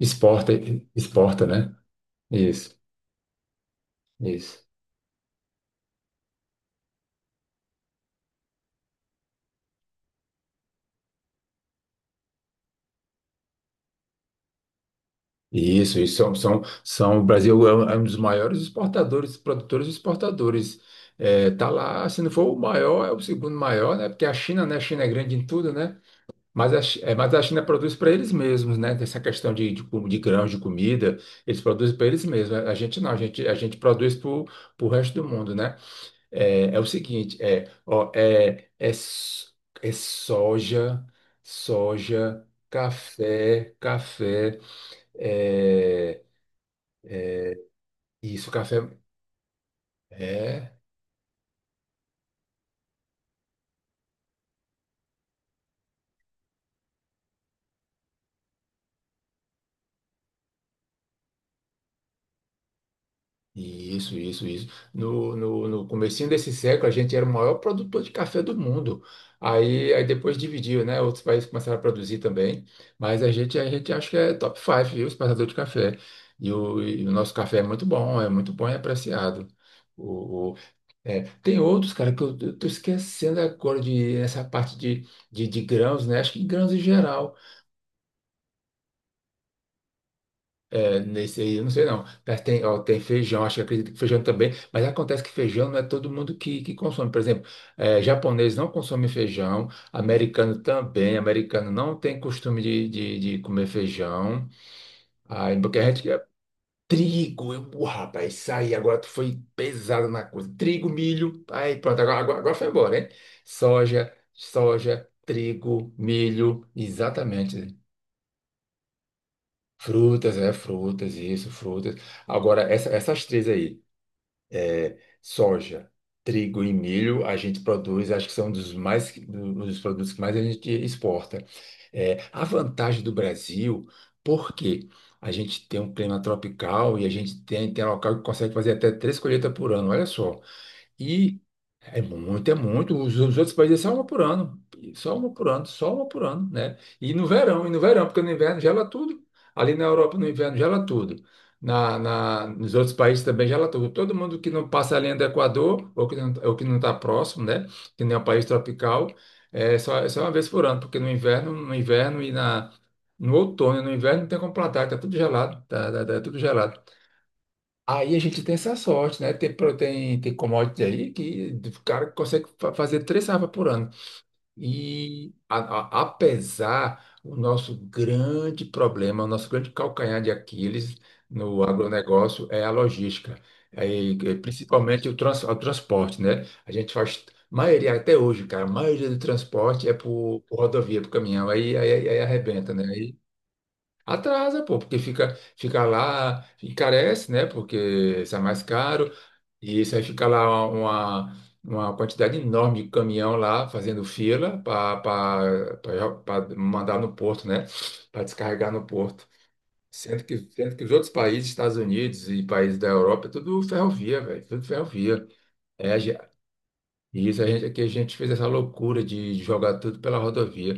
Exporta, exporta, né? Isso, isso. Isso. O Brasil é um dos maiores exportadores, produtores e exportadores. É, tá lá, se não for o maior, é o segundo maior, né? Porque a China, né? A China é grande em tudo, né? Mas mas a China produz para eles mesmos, né? Tem essa questão de grãos, de comida, eles produzem para eles mesmos. A gente não, a gente produz para o resto do mundo, né? É, é o seguinte, é, ó, é, é, s- é soja, soja, café, café, é, isso, café, é, isso, isso, isso. No comecinho desse século, a gente era o maior produtor de café do mundo. Aí depois dividiu, né? Outros países começaram a produzir também, mas a gente acha que é top 5, viu, exportador de café. E o nosso café é muito bom e apreciado. O tem outros, cara, que eu tô esquecendo agora de essa parte de grãos, né? Acho que grãos em geral. É, nesse aí, eu não sei não. Mas tem, ó, tem feijão, acho que acredito que feijão também, mas acontece que feijão não é todo mundo que consome. Por exemplo, é, japonês não consome feijão, americano também, americano não tem costume de comer feijão. Aí, porque a gente, Trigo, eu, pô, rapaz, isso aí, agora tu foi pesado na coisa. Trigo, milho, aí pronto, agora foi embora, hein? Soja, soja, trigo, milho, exatamente. Frutas, é, frutas, isso, frutas. Agora, essas três aí. Soja, trigo e milho a gente produz, acho que são dos mais dos produtos que mais a gente exporta. É, a vantagem do Brasil, porque a gente tem um clima tropical e a gente tem, tem local que consegue fazer até três colheitas por ano, olha só. E é muito, é muito. Os outros países é só uma por ano, só uma por ano, né? E no verão, porque no inverno gela tudo. Ali na Europa, no inverno, gela tudo. Nos outros países também gela tudo. Todo mundo que não passa a linha do Equador, ou que não está próximo, né? Que nem é um país tropical, é só uma vez por ano, porque no inverno e no outono e no inverno não tem como plantar, tá tudo gelado, tá tudo gelado. Aí a gente tem essa sorte, né? Tem commodity aí que o cara consegue fazer três safras por ano. E apesar o nosso grande problema, o nosso grande calcanhar de Aquiles no agronegócio é a logística, aí, principalmente o transporte, né? A gente faz maioria até hoje, cara, a maioria do transporte é por rodovia, por caminhão, aí arrebenta, né? Atrasa, pô, porque fica, fica lá, encarece, né? Porque sai mais caro, e isso aí fica lá uma quantidade enorme de caminhão lá fazendo fila para mandar no porto, né? Para descarregar no porto. Sendo que os outros países, Estados Unidos e países da Europa, é tudo ferrovia, velho, tudo ferrovia. É, e isso a gente, é que a gente fez essa loucura de jogar tudo pela rodovia.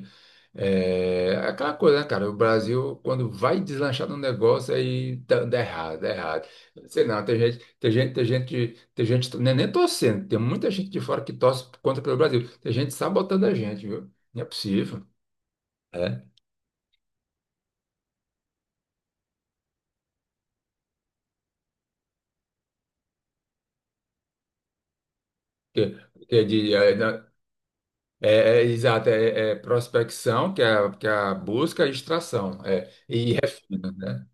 É aquela coisa, né, cara? O Brasil, quando vai deslanchar no negócio, aí dá errado, dá errado. Sei não, tem gente, não é nem torcendo, tem muita gente de fora que torce contra pelo Brasil. Tem gente sabotando a gente, viu? Não é possível. É, que, que de, é, na- é, é, exato, é prospecção, que é, que é a busca e extração, é, e refino, né?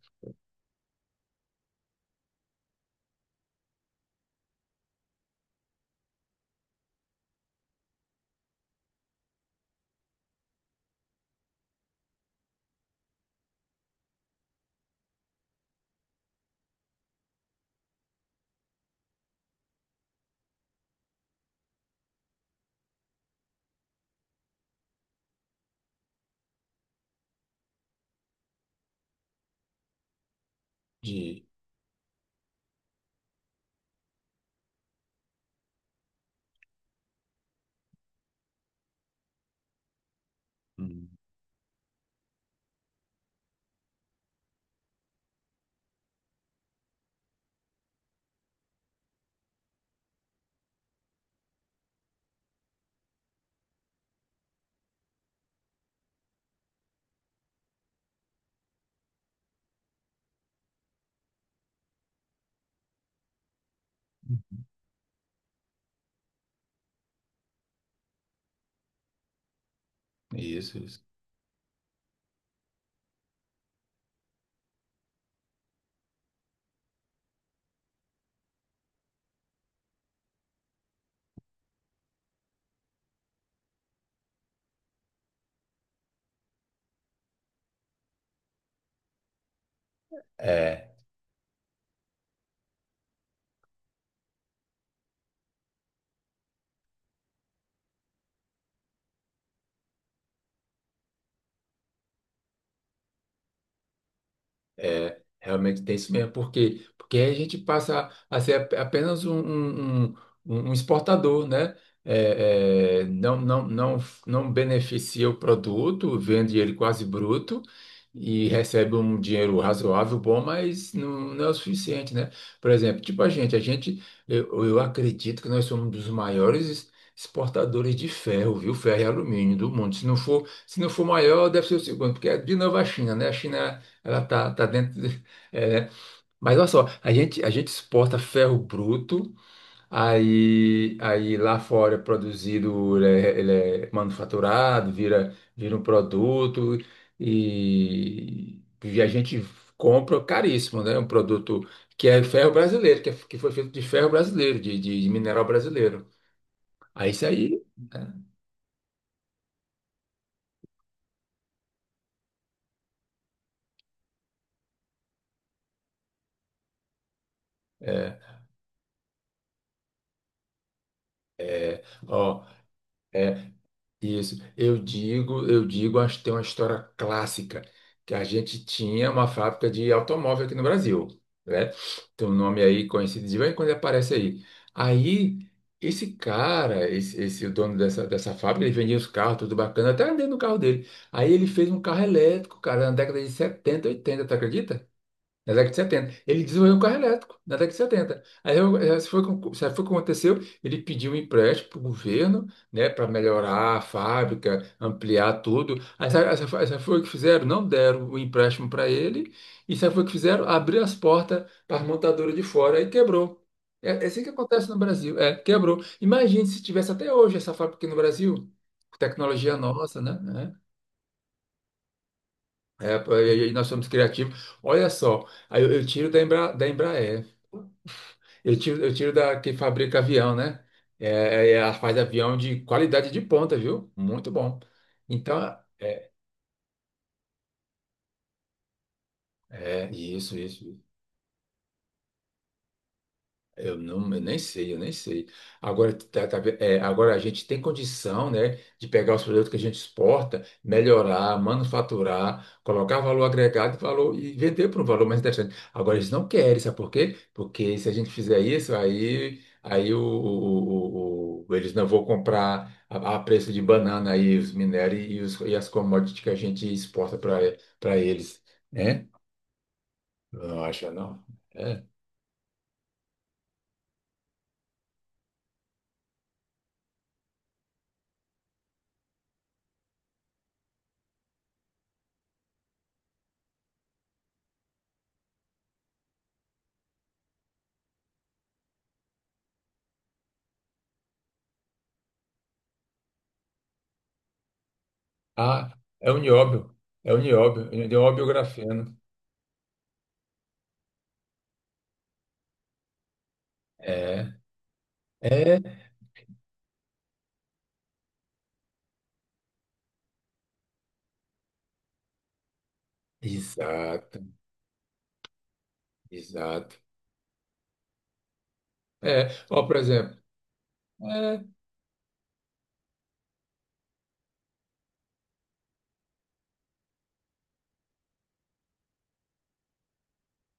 De, Hum. isso, isso. É, realmente tem isso mesmo. Por quê? Porque aí a gente passa a ser apenas um um exportador, né? É, é, não, não, não, não beneficia o produto, vende ele quase bruto e recebe um dinheiro razoável, bom, mas não, não é o suficiente, né? Por exemplo, tipo eu acredito que nós somos um dos maiores exportadores de ferro, viu? Ferro e alumínio do mundo. Se não for, se não for maior, deve ser o segundo, porque é de novo a China, né? A China Ela tá, tá dentro. De- é, né? Mas olha só, a gente exporta ferro bruto, aí lá fora é produzido, ele é manufaturado, vira, vira um produto e a gente compra caríssimo, né? Um produto que é ferro brasileiro, que foi feito de ferro brasileiro, de mineral brasileiro. Aí isso aí, né? É, ó. é, Isso, eu digo, acho que tem uma história clássica, que a gente tinha uma fábrica de automóvel aqui no Brasil, né? Tem um nome aí conhecido de vez em quando ele aparece aí. Aí, esse o dono dessa fábrica, ele vendia os carros, tudo bacana, até andei no carro dele. Aí ele fez um carro elétrico, cara, na década de 70 80 tu acredita? Na década de 70 ele desenvolveu um carro elétrico na década de setenta. Se foi, o que se foi o que aconteceu, ele pediu um empréstimo para o governo, né, para melhorar a fábrica, ampliar tudo. Aí sabe foi o que fizeram? Não deram o empréstimo para ele. E sabe foi o que fizeram? Abriu as portas para as montadoras de fora e quebrou. É, é assim que acontece no Brasil. É, quebrou. Imagine se tivesse até hoje essa fábrica aqui no Brasil. Tecnologia nossa, né? E nós somos criativos. Olha só, aí eu tiro da Embra, da Embraer. Eu tiro da que fabrica avião, né? Ela faz avião de qualidade de ponta, viu? Muito bom. Então, é, isso, isso. Eu nem sei, eu nem sei. Agora, agora a gente tem condição, né, de pegar os produtos que a gente exporta, melhorar, manufaturar, colocar valor agregado e vender por um valor mais interessante. Agora, eles não querem, sabe por quê? Porque se a gente fizer isso, aí, aí o- eles não vão comprar a preço de banana aí os minérios e as commodities que a gente exporta para eles, né? Não acha, não? É. Ah, é o nióbio. É o nióbio, é o nióbio grafeno. É, é, exato, exato. É, ó, por exemplo, é,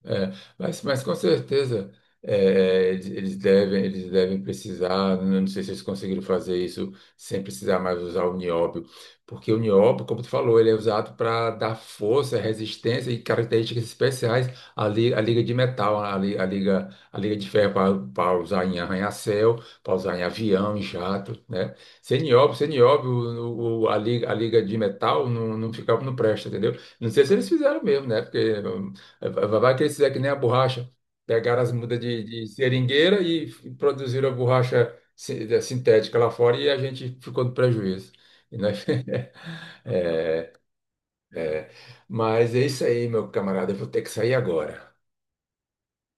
É, mas com certeza é, é, eles devem precisar, não sei se eles conseguiram fazer isso sem precisar mais usar o nióbio, porque o nióbio, como tu falou, ele é usado para dar força, resistência e características especiais à liga de metal, à liga de ferro para usar em arranha-céu, para usar em avião, em jato, né? Sem nióbio, a liga de metal não, não fica, não presta, entendeu? Não sei se eles fizeram mesmo, né? Porque vai que eles é que nem a borracha. Pegaram as mudas de seringueira e produziram a borracha sintética lá fora e a gente ficou no prejuízo. E nós- É, mas é isso aí, meu camarada. Eu vou ter que sair agora.